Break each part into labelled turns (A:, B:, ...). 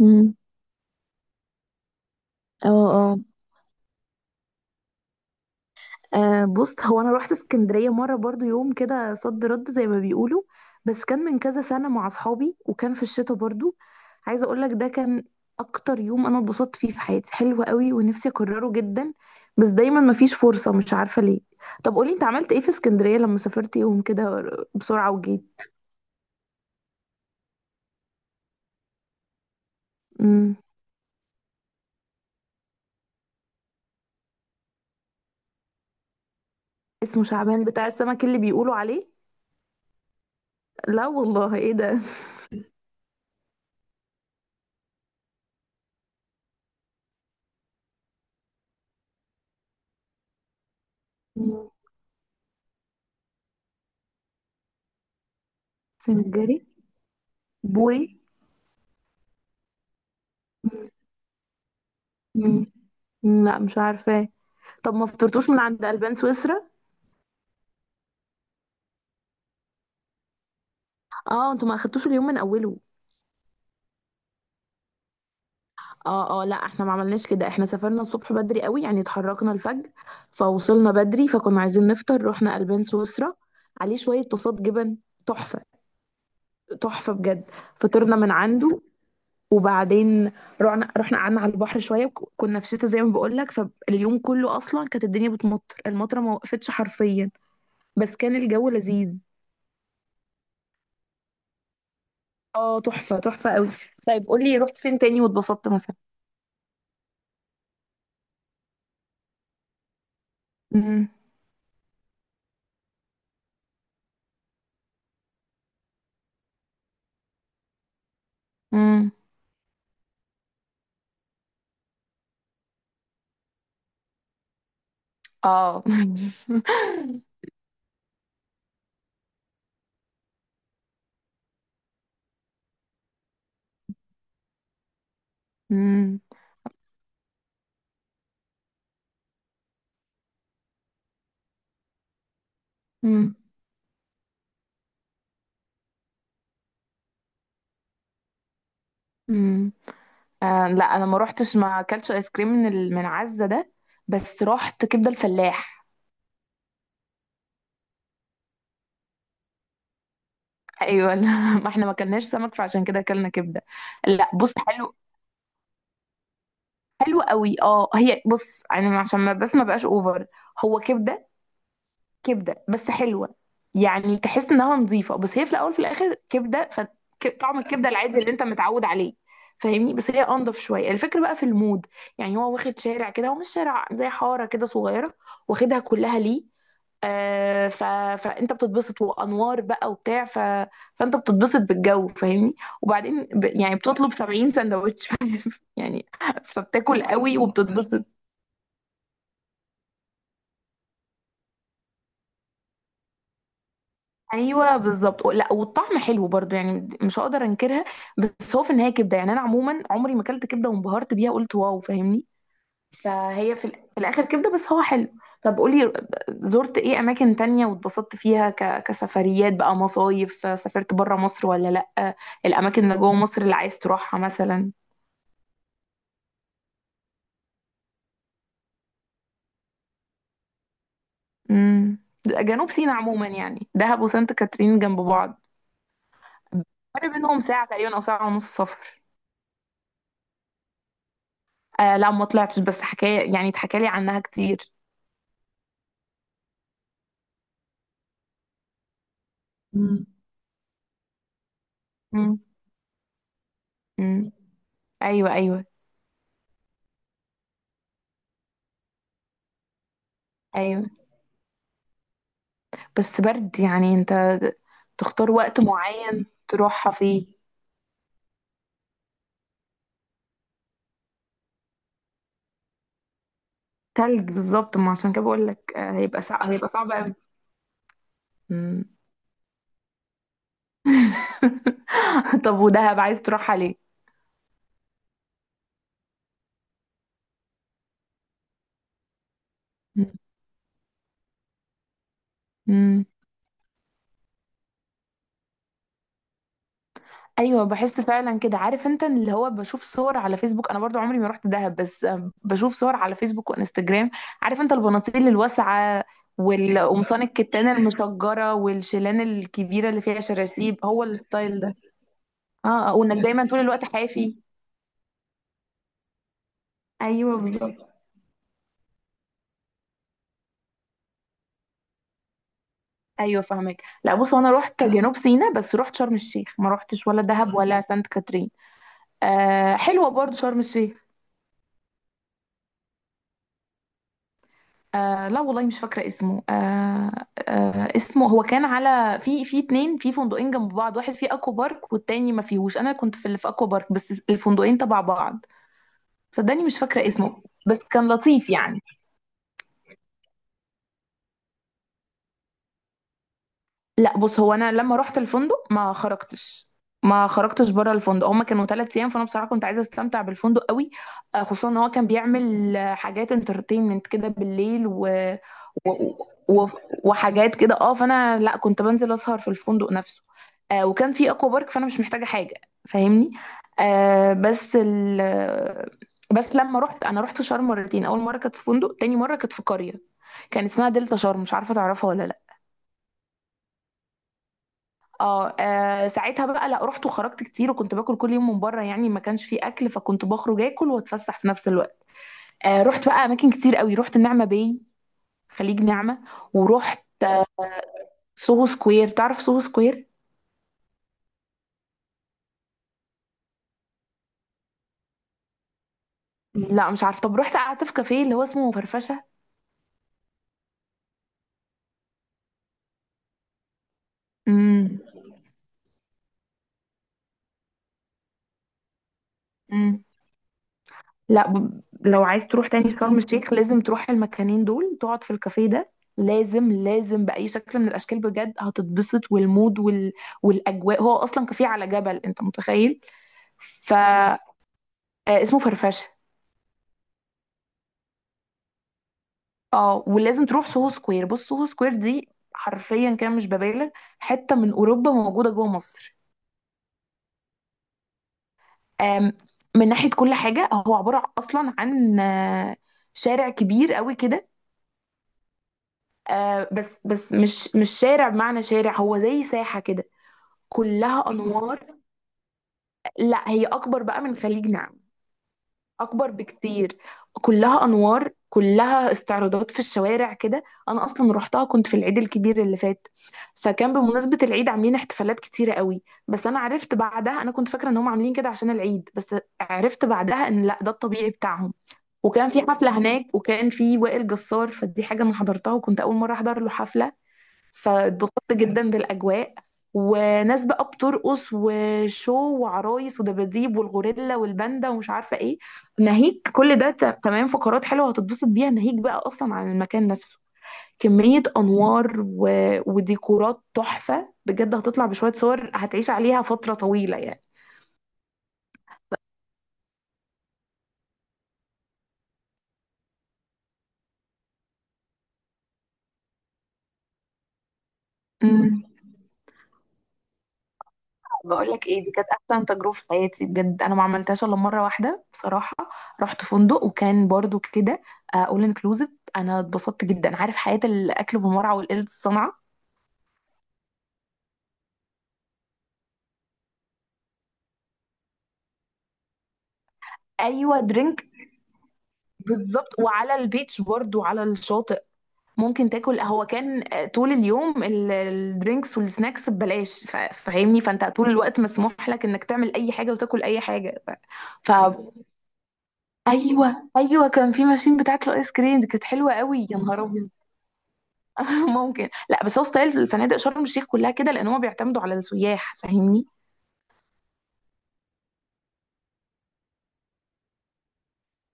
A: امم. اه، اه. آه، بص، هو انا رحت اسكندريه مره برضو يوم كده صد رد زي ما بيقولوا. بس كان من كذا سنه مع اصحابي، وكان في الشتاء برضو. عايزه اقول لك ده كان اكتر يوم انا اتبسطت فيه في حياتي. حلو قوي، ونفسي اكرره جدا. بس دايما مفيش فرصه، مش عارفه ليه. طب قولي، انت عملت ايه في اسكندريه لما سافرت يوم كده بسرعه وجيت؟ امم. اسمه شعبان بتاع السمك اللي بيقولوا عليه؟ لا والله، ايه ده؟ مم. سنجري؟ بوري؟ مم. لا، مش عارفه. طب ما فطرتوش من عند البان سويسرا؟ اه، انتوا ما اخدتوش اليوم من اوله؟ اه، اه. لا احنا ما عملناش كده، احنا سافرنا الصبح بدري قوي، يعني اتحركنا الفجر. فوصلنا بدري، فكنا عايزين نفطر، رحنا البان سويسرا عليه شويه طاسات جبن تحفه. تحفه بجد. فطرنا من عنده وبعدين. رحنا قعدنا على البحر شويه، كنا في شتا زي ما بقول لك. فاليوم كله اصلا كانت الدنيا بتمطر، المطره ما وقفتش حرفيا. بس كان الجو لذيذ. اه، تحفه تحفه قوي. طيب قولي، رحت فين تاني واتبسطت مثلا؟ مم. امم. اه. امم. امم. امم. آه لا، انا ما روحتش، ما اكلتش ايس كريم من من عزة ده. بس رحت كبده الفلاح. ايوه، لا. ما احنا ما اكلناش سمك، فعشان كده اكلنا كبده. لا بص، حلو. حلو قوي. اه، هي بص يعني عشان ما بس ما بقاش اوفر. هو كبده. كبده بس حلوه. يعني تحس انها نظيفه، بس هي في الاول في الاخر كبده. طعم الكبده العادي اللي انت متعود عليه. فاهمني. بس هي انضف شويه، الفكره بقى في المود. يعني هو واخد شارع كده، هو مش شارع زي حاره كده صغيره. واخدها كلها ليه. آه فانت بتتبسط، وانوار بقى وبتاع فانت بتتبسط بالجو، فاهمني. وبعدين يعني بتطلب 70 سندوتش. يعني. فبتاكل قوي وبتتبسط. ايوه بالظبط. لا، والطعم حلو برضو، يعني مش هقدر انكرها. بس هو في النهايه كبده، يعني انا عموما عمري ما اكلت كبده وانبهرت بيها قلت واو، فاهمني. فهي في الاخر كبده، بس هو حلو. طب قولي، زرت ايه اماكن تانية واتبسطت فيها، كسفريات بقى، مصايف، سافرت بره مصر ولا لا؟ الاماكن اللي جوه مصر اللي عايز تروحها مثلا. امم. جنوب سيناء عموما، يعني دهب وسانت كاترين جنب بعض. فرق بينهم ساعه تقريبا او ساعه ونص سفر. آه لا، ما طلعتش، بس حكاية يعني اتحكى لي عنها كتير. مم. مم. مم. ايوه، ايوه. ايوه، بس برد يعني انت. تختار وقت معين تروحها فيه. تلج بالظبط، ما عشان كده بقول لك، آه، هيبقى صعب، هيبقى صعب قوي. مم. طب ودهب عايز تروحها ليه؟ مم. ايوه، بحس فعلا كده، عارف انت، اللي هو بشوف صور على فيسبوك، انا برضو عمري ما رحت دهب، بس بشوف صور على فيسبوك وانستجرام. عارف انت البناطيل الواسعه والقمصان الكتان المشجره والشيلان الكبيره اللي فيها شراشيب، هو الستايل ده. اه، آه، وانك دايما طول الوقت حافي. ايوه بالظبط. ايوه فاهمك. لا بص، هو انا رحت جنوب سيناء، بس رحت شرم الشيخ، ما رحتش ولا دهب ولا سانت كاترين. آه، حلوه برضو شرم الشيخ. آه لا والله مش فاكرة اسمه، آه. آه، اسمه هو كان على في اتنين، في فندقين جنب بعض، واحد فيه اكوا بارك والتاني ما فيهوش، انا كنت في اللي في اكوا بارك، بس الفندقين تبع بعض. صدقني مش فاكرة اسمه، بس كان لطيف يعني. لا بص، هو انا لما رحت الفندق ما خرجتش. ما خرجتش بره الفندق، هما كانوا 3 ايام، فانا بصراحه كنت عايزه استمتع بالفندق قوي. آه، خصوصا ان هو كان بيعمل حاجات انترتينمنت كده بالليل و... و... وحاجات كده اه، فانا لا كنت بنزل اسهر في الفندق نفسه. آه وكان في اكوا بارك فانا مش محتاجه حاجه. فاهمني. آه، بس بس لما رحت، انا رحت شرم مرتين، اول مره كانت في فندق، تاني مره كانت في قريه. كان اسمها دلتا شرم، مش عارفه تعرفها ولا لا. اه، آه، ساعتها بقى، لا، رحت وخرجت كتير، وكنت باكل كل يوم من بره، يعني ما كانش فيه اكل، فكنت بخرج اكل واتفسح في نفس الوقت. آه، رحت بقى اماكن كتير قوي، رحت النعمه باي. خليج نعمه. ورحت سوهو سكوير، تعرف سوهو سكوير؟ لا مش عارفه. طب رحت قعدت في كافيه اللي هو اسمه فرفشه. امم. امم. لا، لو عايز تروح تاني شرم الشيخ، لازم تروح المكانين دول، تقعد في الكافيه ده. لازم، لازم بأي شكل من الأشكال، بجد هتتبسط، والمود والأجواء. هو أصلا كافيه على جبل، أنت متخيل؟ ف آه، اسمه فرفشه. اه، ولازم تروح سوهو سكوير. بص سوهو سكوير دي حرفيا كده مش ببالغ، حته من اوروبا موجوده جوه مصر. آم، من ناحيه كل حاجه، هو عباره اصلا عن شارع كبير قوي كده. بس مش شارع بمعنى شارع، هو زي ساحه كده. كلها انوار. لا، هي اكبر بقى من خليجنا. اكبر بكتير. كلها انوار، كلها استعراضات في الشوارع كده. انا اصلا روحتها كنت في العيد الكبير اللي فات. فكان بمناسبة العيد عاملين احتفالات كتيرة قوي. بس انا عرفت بعدها، انا كنت فاكرة ان هم عاملين كده عشان العيد بس. عرفت بعدها ان لا، ده الطبيعي بتاعهم. وكان في حفلة هناك، وكان في وائل جسار، فدي حاجة انا حضرتها، وكنت اول مرة احضر له حفلة. فاتبسطت جدا بالاجواء. وناس بقى بترقص وشو، وعرايس ودباديب والغوريلا والباندا ومش عارفه ايه. ناهيك كل ده، تمام، فقرات حلوه هتتبسط بيها، ناهيك بقى اصلا عن المكان نفسه. كميه انوار وديكورات تحفه بجد، هتطلع بشويه صور هتعيش عليها فتره طويله يعني. مم. بقول لك ايه، دي كانت احسن تجربه في حياتي بجد، انا ما عملتهاش الا مره واحده بصراحه. رحت فندق وكان برضو كده اول انكلوزيف. انا اتبسطت جدا، عارف حياه الاكل بالمرعى والقلة الصنعه. ايوه درينك. بالظبط، وعلى البيتش برضو، على الشاطئ. ممكن تاكل، هو كان طول اليوم الدرينكس والسناكس ببلاش، فاهمني، فانت طول الوقت مسموح لك انك تعمل اي حاجه وتاكل اي حاجه ف... ايوه، ايوه، كان في ماشين بتاعت الايس كريم دي، كانت حلوه قوي، يا نهار ابيض. ممكن. لا بس هو ستايل الفنادق شرم الشيخ كلها كده، لان هم بيعتمدوا على السياح، فاهمني.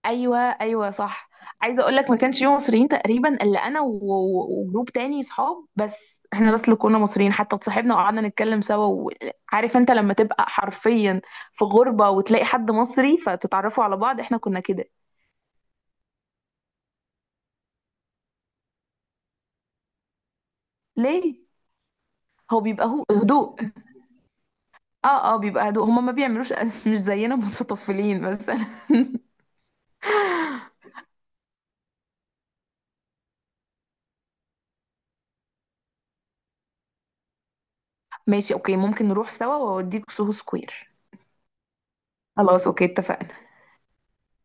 A: ايوه، ايوه، صح. عايزه اقول لك، ما كانش فيه مصريين تقريبا الا انا وجروب تاني صحاب بس. احنا بس اللي كنا مصريين، حتى اتصاحبنا وقعدنا نتكلم سوا. وعارف انت لما تبقى حرفيا في غربه وتلاقي حد مصري فتتعرفوا على بعض، احنا كنا كده. ليه؟ هو بيبقى، هو هدوء. اه، اه، بيبقى هدوء، هما ما بيعملوش. مش زينا متطفلين مثلا. ماشي، اوكي، ممكن نروح سوا واوديك سوهو سكوير. خلاص، اوكي، اتفقنا.